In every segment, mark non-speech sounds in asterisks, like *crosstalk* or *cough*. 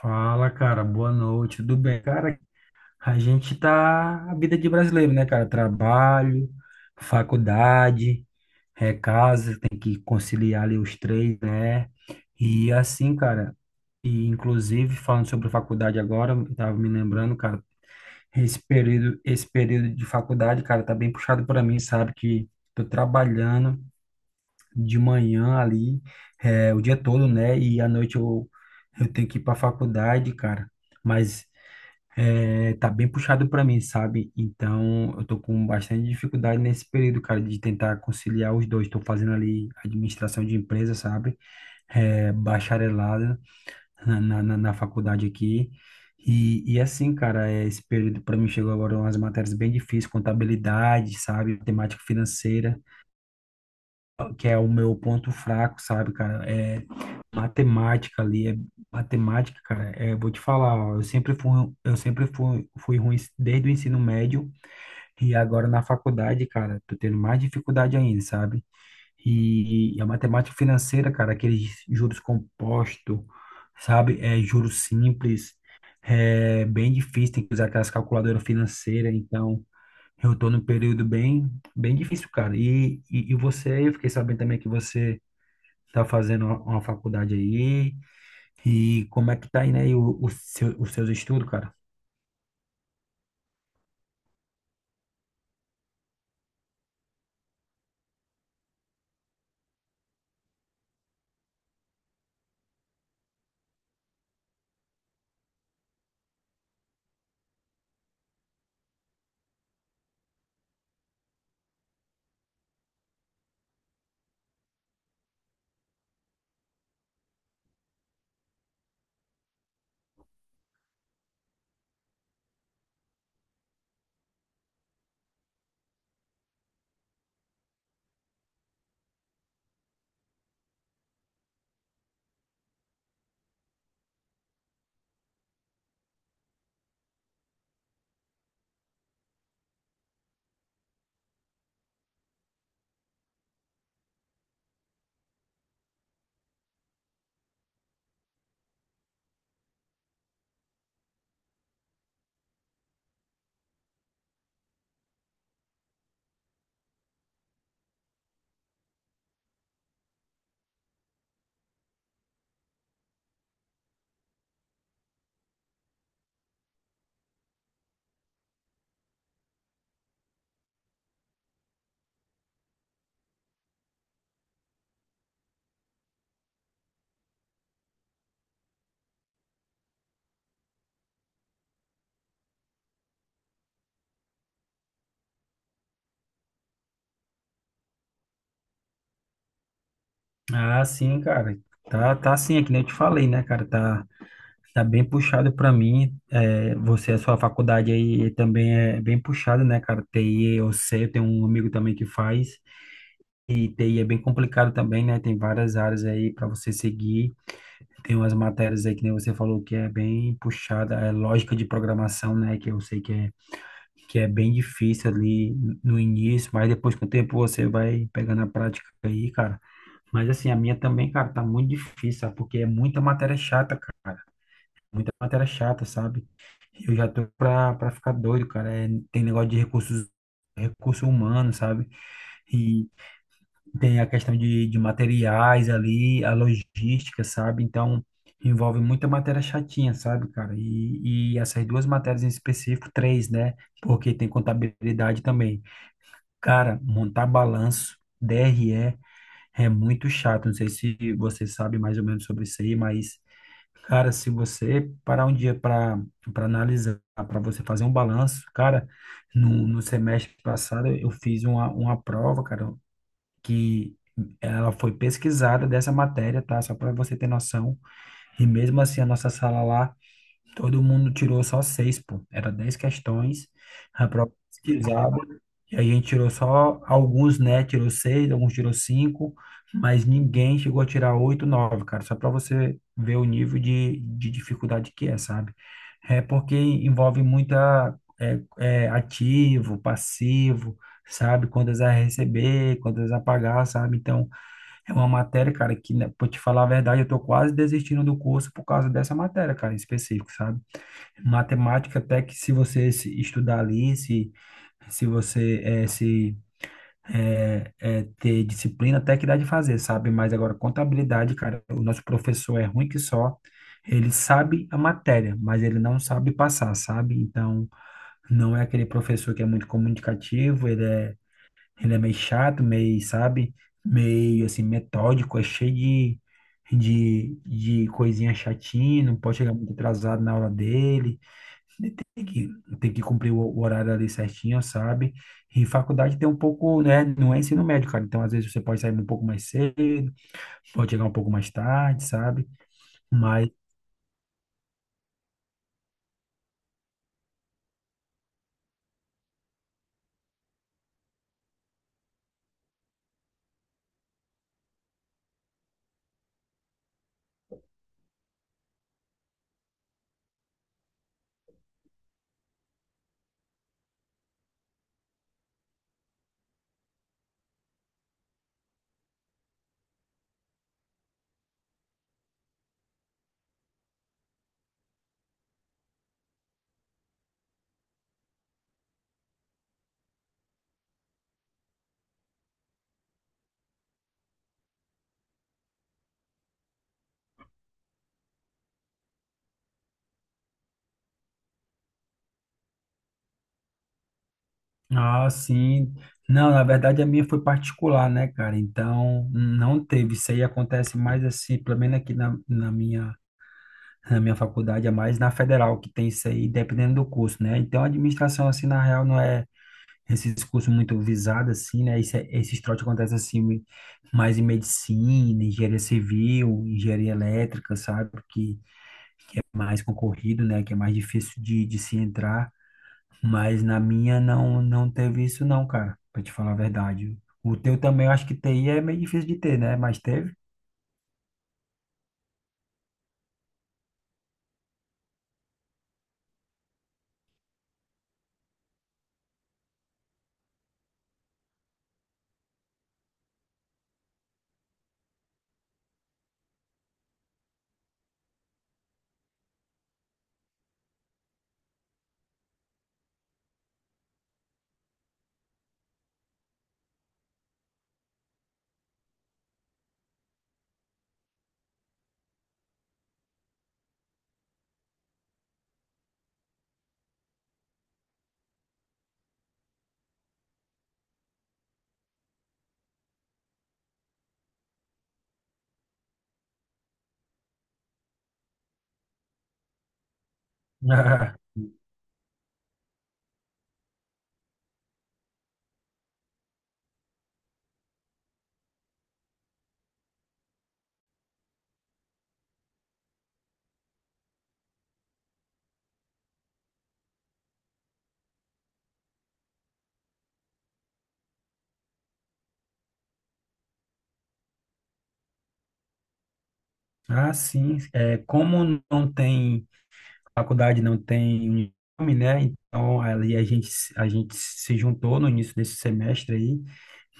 Fala, cara, boa noite, tudo bem? Cara, a gente tá a vida de brasileiro, né, cara? Trabalho, faculdade, casa, tem que conciliar ali os três, né? E assim, cara, e inclusive falando sobre faculdade agora, eu tava me lembrando, cara, esse período de faculdade, cara, tá bem puxado para mim, sabe? Que tô trabalhando de manhã ali, o dia todo, né? E à noite eu tenho que ir pra faculdade, cara. Mas tá bem puxado para mim, sabe? Então, eu tô com bastante dificuldade nesse período, cara, de tentar conciliar os dois. Tô fazendo ali administração de empresa, sabe? Bacharelado na faculdade aqui. E assim, cara, esse período para mim chegou agora umas matérias bem difíceis, contabilidade, sabe? Matemática financeira que é o meu ponto fraco, sabe, cara? É matemática ali, é matemática, cara. Vou te falar, ó, eu sempre fui ruim desde o ensino médio e agora na faculdade, cara, tô tendo mais dificuldade ainda, sabe? E a matemática financeira, cara, aqueles juros compostos, sabe? É juros simples, é bem difícil, tem que usar aquelas calculadoras financeiras, então. Eu tô num período bem, bem difícil, cara. E você, eu fiquei sabendo também que você tá fazendo uma faculdade aí. E como é que tá aí, né? E os seus estudos, cara? Ah, sim, cara. Tá, tá sim, é que nem eu te falei, né, cara? Tá, tá bem puxado pra mim. É, você, a sua faculdade aí também é bem puxada, né, cara? TI, eu sei, eu tenho um amigo também que faz. E TI é bem complicado também, né? Tem várias áreas aí pra você seguir. Tem umas matérias aí que nem você falou que é bem puxada, é lógica de programação, né? Que eu sei que é bem difícil ali no início, mas depois com o tempo você vai pegando a prática aí, cara. Mas assim, a minha também, cara, tá muito difícil, sabe? Porque é muita matéria chata, cara. Muita matéria chata, sabe? Eu já tô pra ficar doido, cara. Tem negócio de recurso humano, sabe? E tem a questão de materiais ali, a logística, sabe? Então, envolve muita matéria chatinha, sabe, cara? E essas duas matérias em específico, três, né? Porque tem contabilidade também. Cara, montar balanço, DRE, é muito chato. Não sei se você sabe mais ou menos sobre isso aí, mas, cara, se você parar um dia para analisar, para você fazer um balanço, cara, no, no semestre passado eu fiz uma prova, cara, que ela foi pesquisada dessa matéria, tá? Só para você ter noção. E mesmo assim, a nossa sala lá, todo mundo tirou só seis, pô. Era 10 questões, a prova pesquisada. E a gente tirou só alguns, né? Tirou seis, alguns tirou cinco, mas ninguém chegou a tirar oito, nove, cara. Só para você ver o nível de dificuldade que é, sabe? É porque envolve muita ativo, passivo, sabe? Quantas a receber, quantas a pagar, sabe? Então, é uma matéria, cara, que, né, pra te falar a verdade, eu tô quase desistindo do curso por causa dessa matéria, cara, em específico, sabe? Matemática, até que se você se estudar ali, se você se eh, eh, ter disciplina, até que dá de fazer, sabe? Mas agora, contabilidade, cara, o nosso professor é ruim que só. Ele sabe a matéria, mas ele não sabe passar, sabe? Então, não é aquele professor que é muito comunicativo, ele é meio chato, meio, sabe? Meio assim, metódico, é cheio de coisinha chatinha, não pode chegar muito atrasado na aula dele. Ele tem que cumprir o horário ali certinho, sabe? E faculdade tem um pouco, né? Não é ensino médio, cara. Então, às vezes, você pode sair um pouco mais cedo, pode chegar um pouco mais tarde, sabe? Mas, ah, sim. Não, na verdade a minha foi particular, né, cara? Então não teve. Isso aí acontece mais assim, pelo menos aqui na, na minha A minha faculdade é mais na federal, que tem isso aí, dependendo do curso, né? Então, a administração, assim, na real, não é esses cursos muito visados, assim, né? Esse, esses trotes acontecem, assim, mais em medicina, engenharia civil, engenharia elétrica, sabe? Que é mais concorrido, né? Que é mais difícil de se entrar. Mas na minha, não, não teve isso, não, cara, pra te falar a verdade. O teu também, eu acho que TI é meio difícil de ter, né? Mas teve. *laughs* Ah, sim. Como não tem faculdade não tem um nome, né? Então ali a gente se juntou no início desse semestre aí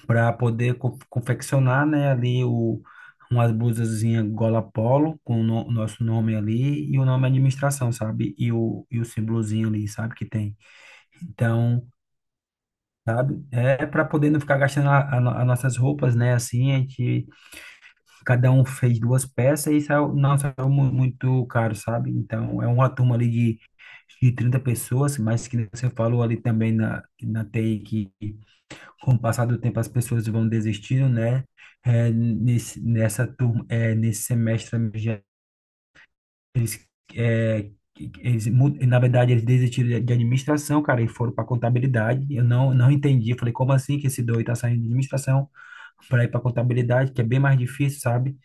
para poder confeccionar, né, ali umas blusazinha gola polo com o nosso nome ali e o nome administração, sabe? E o símbolozinho ali, sabe, que tem. Então, sabe? É para poder não ficar gastando as nossas roupas, né? Assim, a gente cada um fez duas peças e saiu, não saiu muito caro, sabe? Então, é uma turma ali de 30 pessoas, mas que nem você falou ali também na, na TI que com o passar do tempo as pessoas vão desistindo, né? Nessa turma, nesse semestre eles, é, eles, mu- na verdade, eles desistiram de administração, cara, e foram para contabilidade. Eu não entendi. Eu falei, como assim que esse doido tá saindo de administração para ir para contabilidade, que é bem mais difícil, sabe?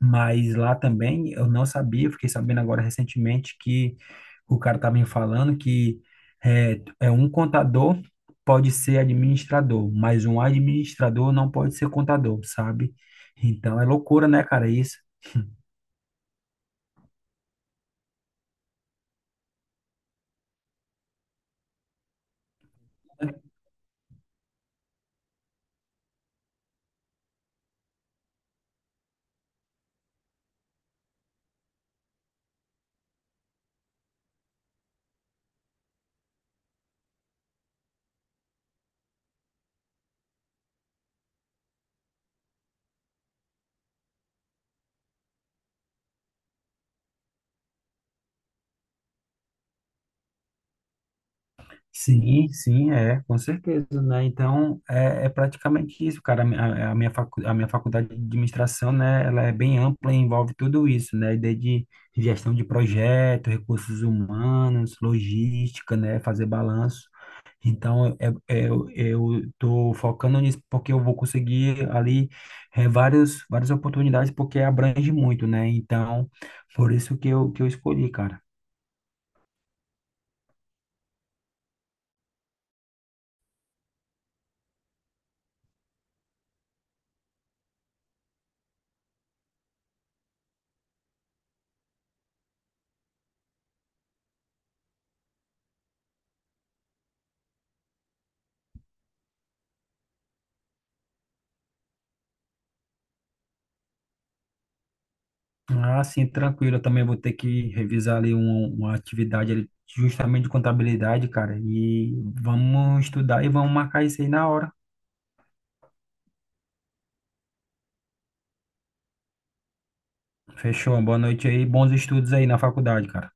Mas lá também eu não sabia. Fiquei sabendo agora recentemente que o cara tá me falando que um contador pode ser administrador, mas um administrador não pode ser contador, sabe? Então é loucura, né, cara? Isso. Sim, sim, é, com certeza, né? Então, é, é praticamente isso, cara. A minha faculdade de administração, né, ela é bem ampla e envolve tudo isso, né? Desde gestão de projeto, recursos humanos, logística, né, fazer balanço. Então, eu tô focando nisso porque eu vou conseguir ali várias oportunidades, porque abrange muito, né? Então, por isso que eu escolhi, cara. Ah, sim, tranquilo. Eu também vou ter que revisar ali uma atividade ali, justamente de contabilidade, cara. E vamos estudar e vamos marcar isso aí na hora. Fechou. Boa noite aí. Bons estudos aí na faculdade, cara.